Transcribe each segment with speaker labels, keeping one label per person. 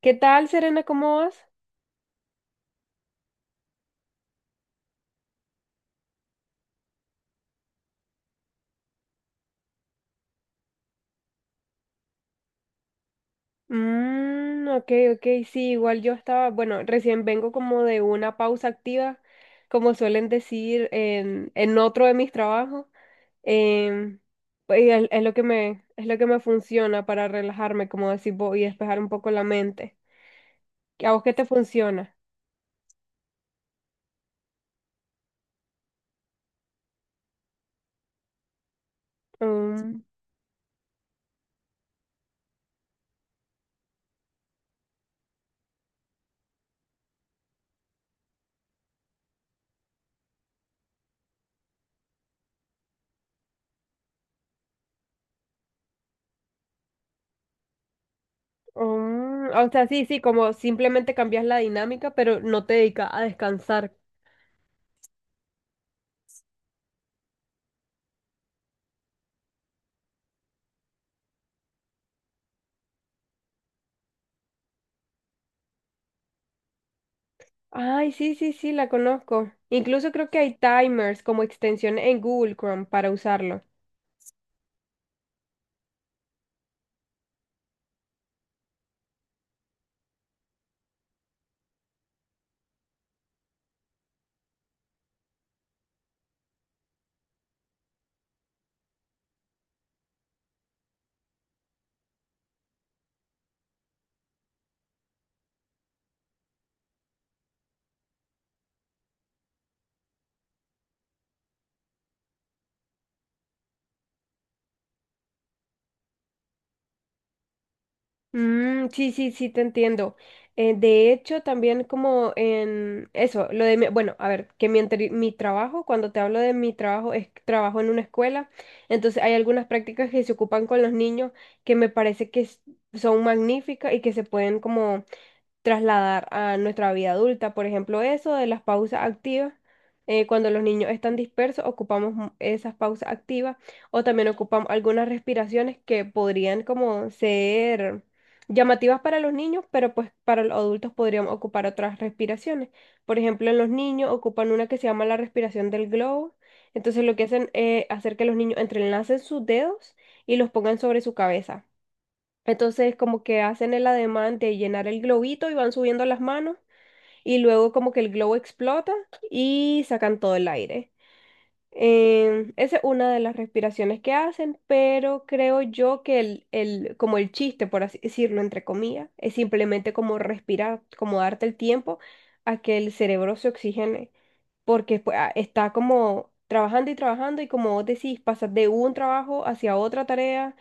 Speaker 1: ¿Qué tal, Serena? ¿Cómo vas? Mm, ok, ok, sí, igual yo estaba, bueno, recién vengo como de una pausa activa, como suelen decir en otro de mis trabajos. em, pues, es lo que es lo que me funciona para relajarme, como decir, y despejar un poco la mente. ¿A vos qué te funciona? Mm, o sea, sí, sí, como simplemente cambias la dinámica, pero no te dedicas a descansar. Ay, sí, sí, sí, la conozco. Incluso creo que hay timers como extensión en Google Chrome para usarlo. Mm, sí, sí, sí, te entiendo. De hecho, también como en eso, lo de mi, bueno, a ver, que mi, mi trabajo, cuando te hablo de mi trabajo, es que trabajo en una escuela, entonces hay algunas prácticas que se ocupan con los niños que me parece que son magníficas y que se pueden como trasladar a nuestra vida adulta. Por ejemplo, eso de las pausas activas. Cuando los niños están dispersos, ocupamos esas pausas activas, o también ocupamos algunas respiraciones que podrían como ser llamativas para los niños, pero pues para los adultos podríamos ocupar otras respiraciones. Por ejemplo, en los niños ocupan una que se llama la respiración del globo. Entonces lo que hacen es hacer que los niños entrelacen sus dedos y los pongan sobre su cabeza. Entonces como que hacen el ademán de llenar el globito y van subiendo las manos, y luego como que el globo explota y sacan todo el aire. Esa es una de las respiraciones que hacen, pero creo yo que el, como el chiste, por así decirlo, entre comillas, es simplemente como respirar, como darte el tiempo a que el cerebro se oxigene porque pues, ah, está como trabajando y trabajando, y como vos decís, pasa de un trabajo hacia otra tarea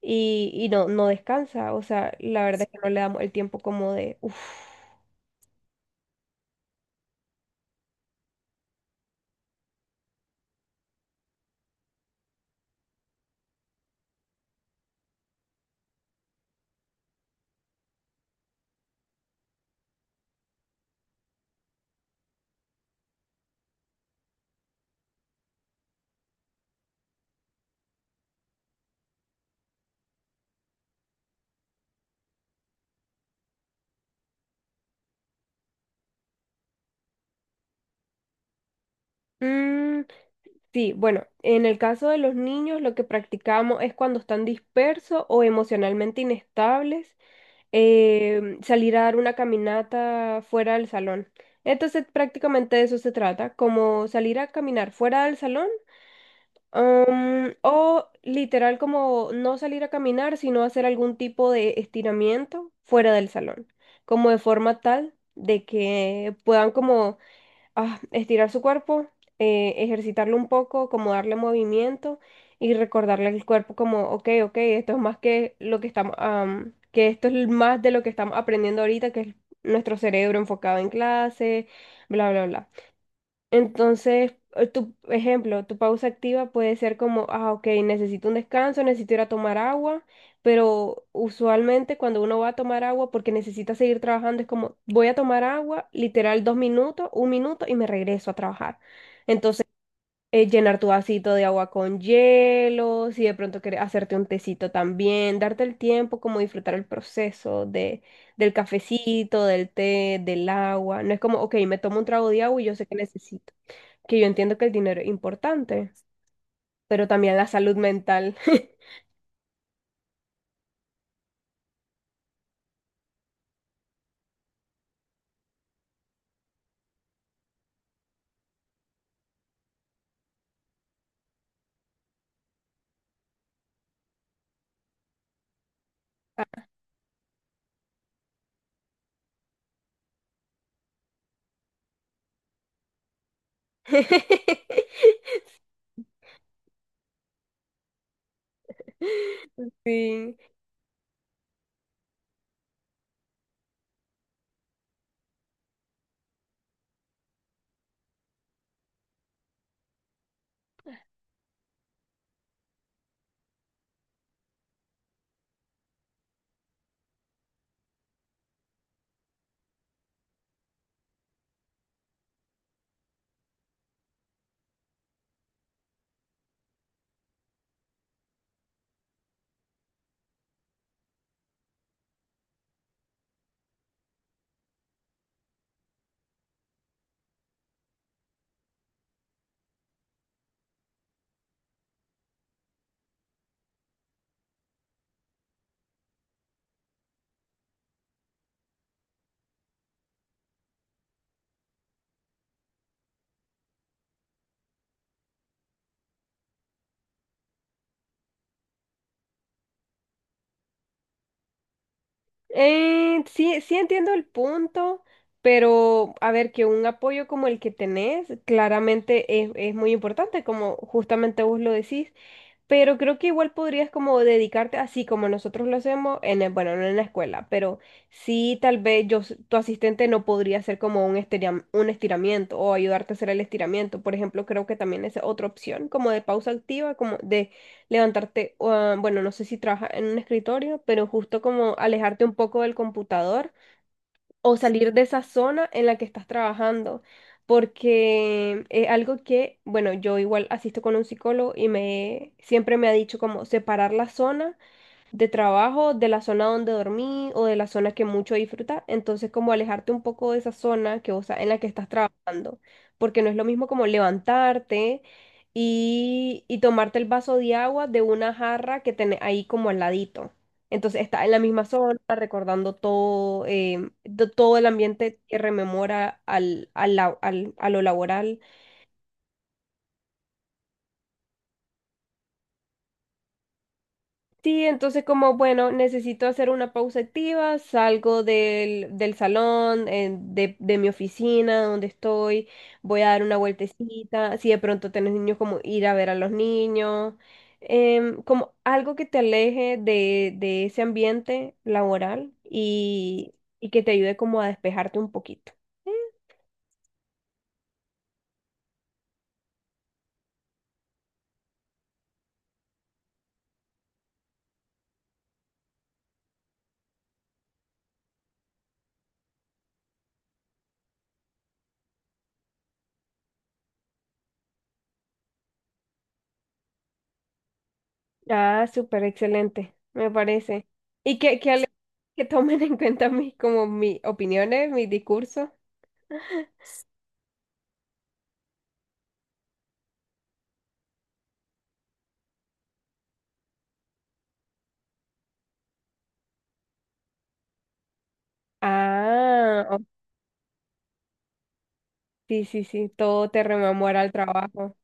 Speaker 1: y no, no descansa. O sea, la verdad es que no le damos el tiempo como de... uf. Mm, sí, bueno, en el caso de los niños, lo que practicamos es cuando están dispersos o emocionalmente inestables, salir a dar una caminata fuera del salón. Entonces, prácticamente de eso se trata, como salir a caminar fuera del salón. O literal como no salir a caminar, sino hacer algún tipo de estiramiento fuera del salón, como de forma tal de que puedan como ah, estirar su cuerpo, ejercitarlo un poco, como darle movimiento y recordarle al cuerpo como, ok, ok, esto es más que lo que estamos, am, que esto es más de lo que estamos aprendiendo ahorita, que es nuestro cerebro enfocado en clase, bla, bla, bla. Entonces, tu ejemplo, tu pausa activa puede ser como, ah, ok, necesito un descanso, necesito ir a tomar agua, pero usualmente cuando uno va a tomar agua porque necesita seguir trabajando, es como, voy a tomar agua, literal dos minutos, un minuto y me regreso a trabajar. Entonces, llenar tu vasito de agua con hielo, si de pronto quieres hacerte un tecito también, darte el tiempo, como disfrutar el proceso del cafecito, del té, del agua. No es como, ok, me tomo un trago de agua y yo sé que necesito que yo entiendo que el dinero es importante, pero también la salud mental. Sí. Sí, sí entiendo el punto, pero a ver, que un apoyo como el que tenés claramente es muy importante, como justamente vos lo decís. Pero creo que igual podrías como dedicarte así como nosotros lo hacemos en el- bueno, no en la escuela, pero sí tal vez yo, tu asistente no podría hacer como un un estiramiento o ayudarte a hacer el estiramiento. Por ejemplo, creo que también es otra opción como de pausa activa, como de levantarte, ah, bueno, no sé si trabajas en un escritorio, pero justo como alejarte un poco del computador o salir de esa zona en la que estás trabajando, porque es algo que, bueno, yo igual asisto con un psicólogo y me siempre me ha dicho como separar la zona de trabajo, de la zona donde dormí o de la zona que mucho disfruta. Entonces, como alejarte un poco de esa zona que vos, en la que estás trabajando, porque no es lo mismo como levantarte y tomarte el vaso de agua de una jarra que tenés ahí como al ladito. Entonces, estás en la misma zona, recordando todo, todo el ambiente que rememora al a lo laboral. Sí, entonces como, bueno, necesito hacer una pausa activa, salgo del salón, de mi oficina, donde estoy, voy a dar una vueltecita, si de pronto tenés niños, como ir a ver a los niños, como algo que te aleje de ese ambiente laboral y que te ayude como a despejarte un poquito. Eh, Ah, súper excelente, me parece. Y que, que tomen en cuenta mis, como mis opiniones, mis discursos. Ah, oh, sí, sí, sí, todo te rememora el trabajo.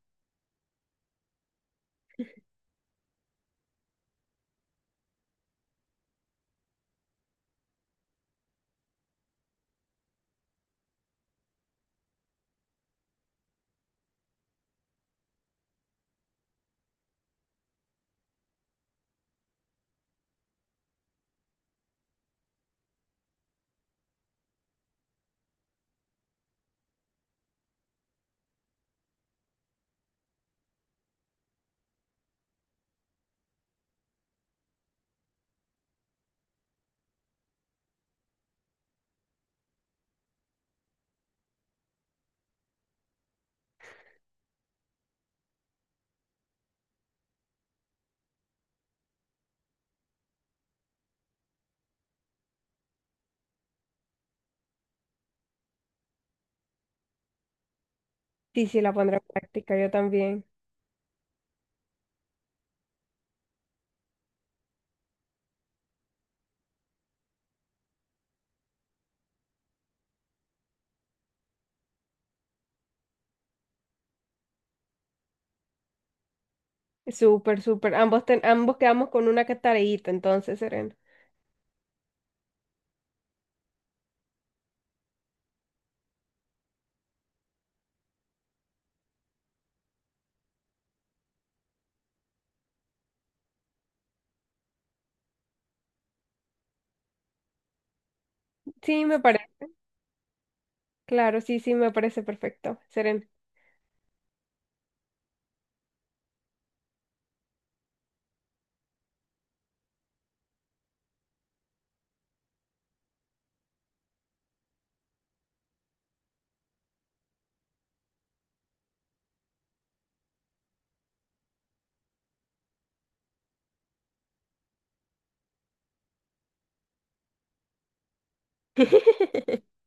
Speaker 1: Sí, sí, la pondré en práctica, yo también. Súper, súper. Ambos, ambos quedamos con una que tareíta, entonces, Serena. Sí, me parece, claro, sí, sí, me parece perfecto, Serena.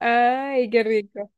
Speaker 1: Ay, qué rico.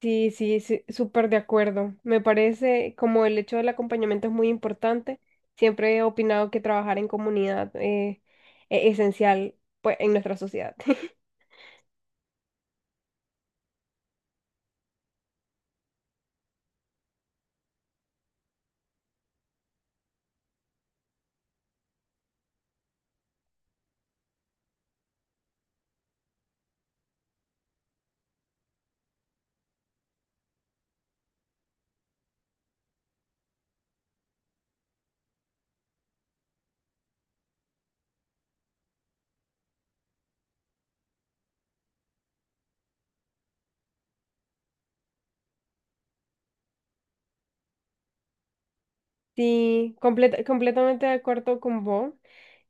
Speaker 1: Sí, sí, sí, súper de acuerdo. Me parece como el hecho del acompañamiento es muy importante. Siempre he opinado que trabajar en comunidad es esencial, pues, en nuestra sociedad. Sí, completamente de acuerdo con vos,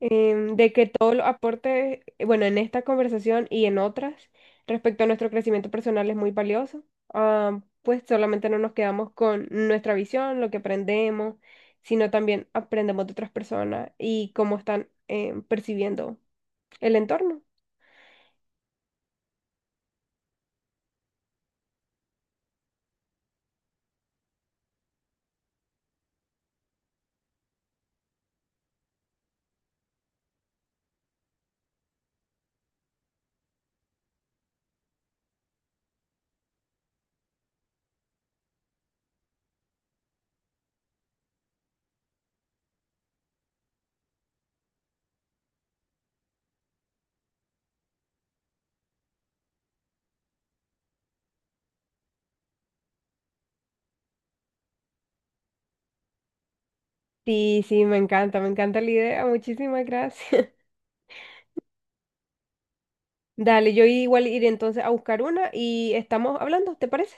Speaker 1: de que todos los aportes, bueno, en esta conversación y en otras, respecto a nuestro crecimiento personal es muy valioso. Ah, pues solamente no nos quedamos con nuestra visión, lo que aprendemos, sino también aprendemos de otras personas y cómo están percibiendo el entorno. Sí, sí, me encanta la idea, muchísimas gracias. Dale, yo igual iré entonces a buscar una y estamos hablando, ¿te parece?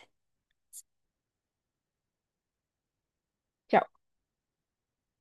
Speaker 1: Chao.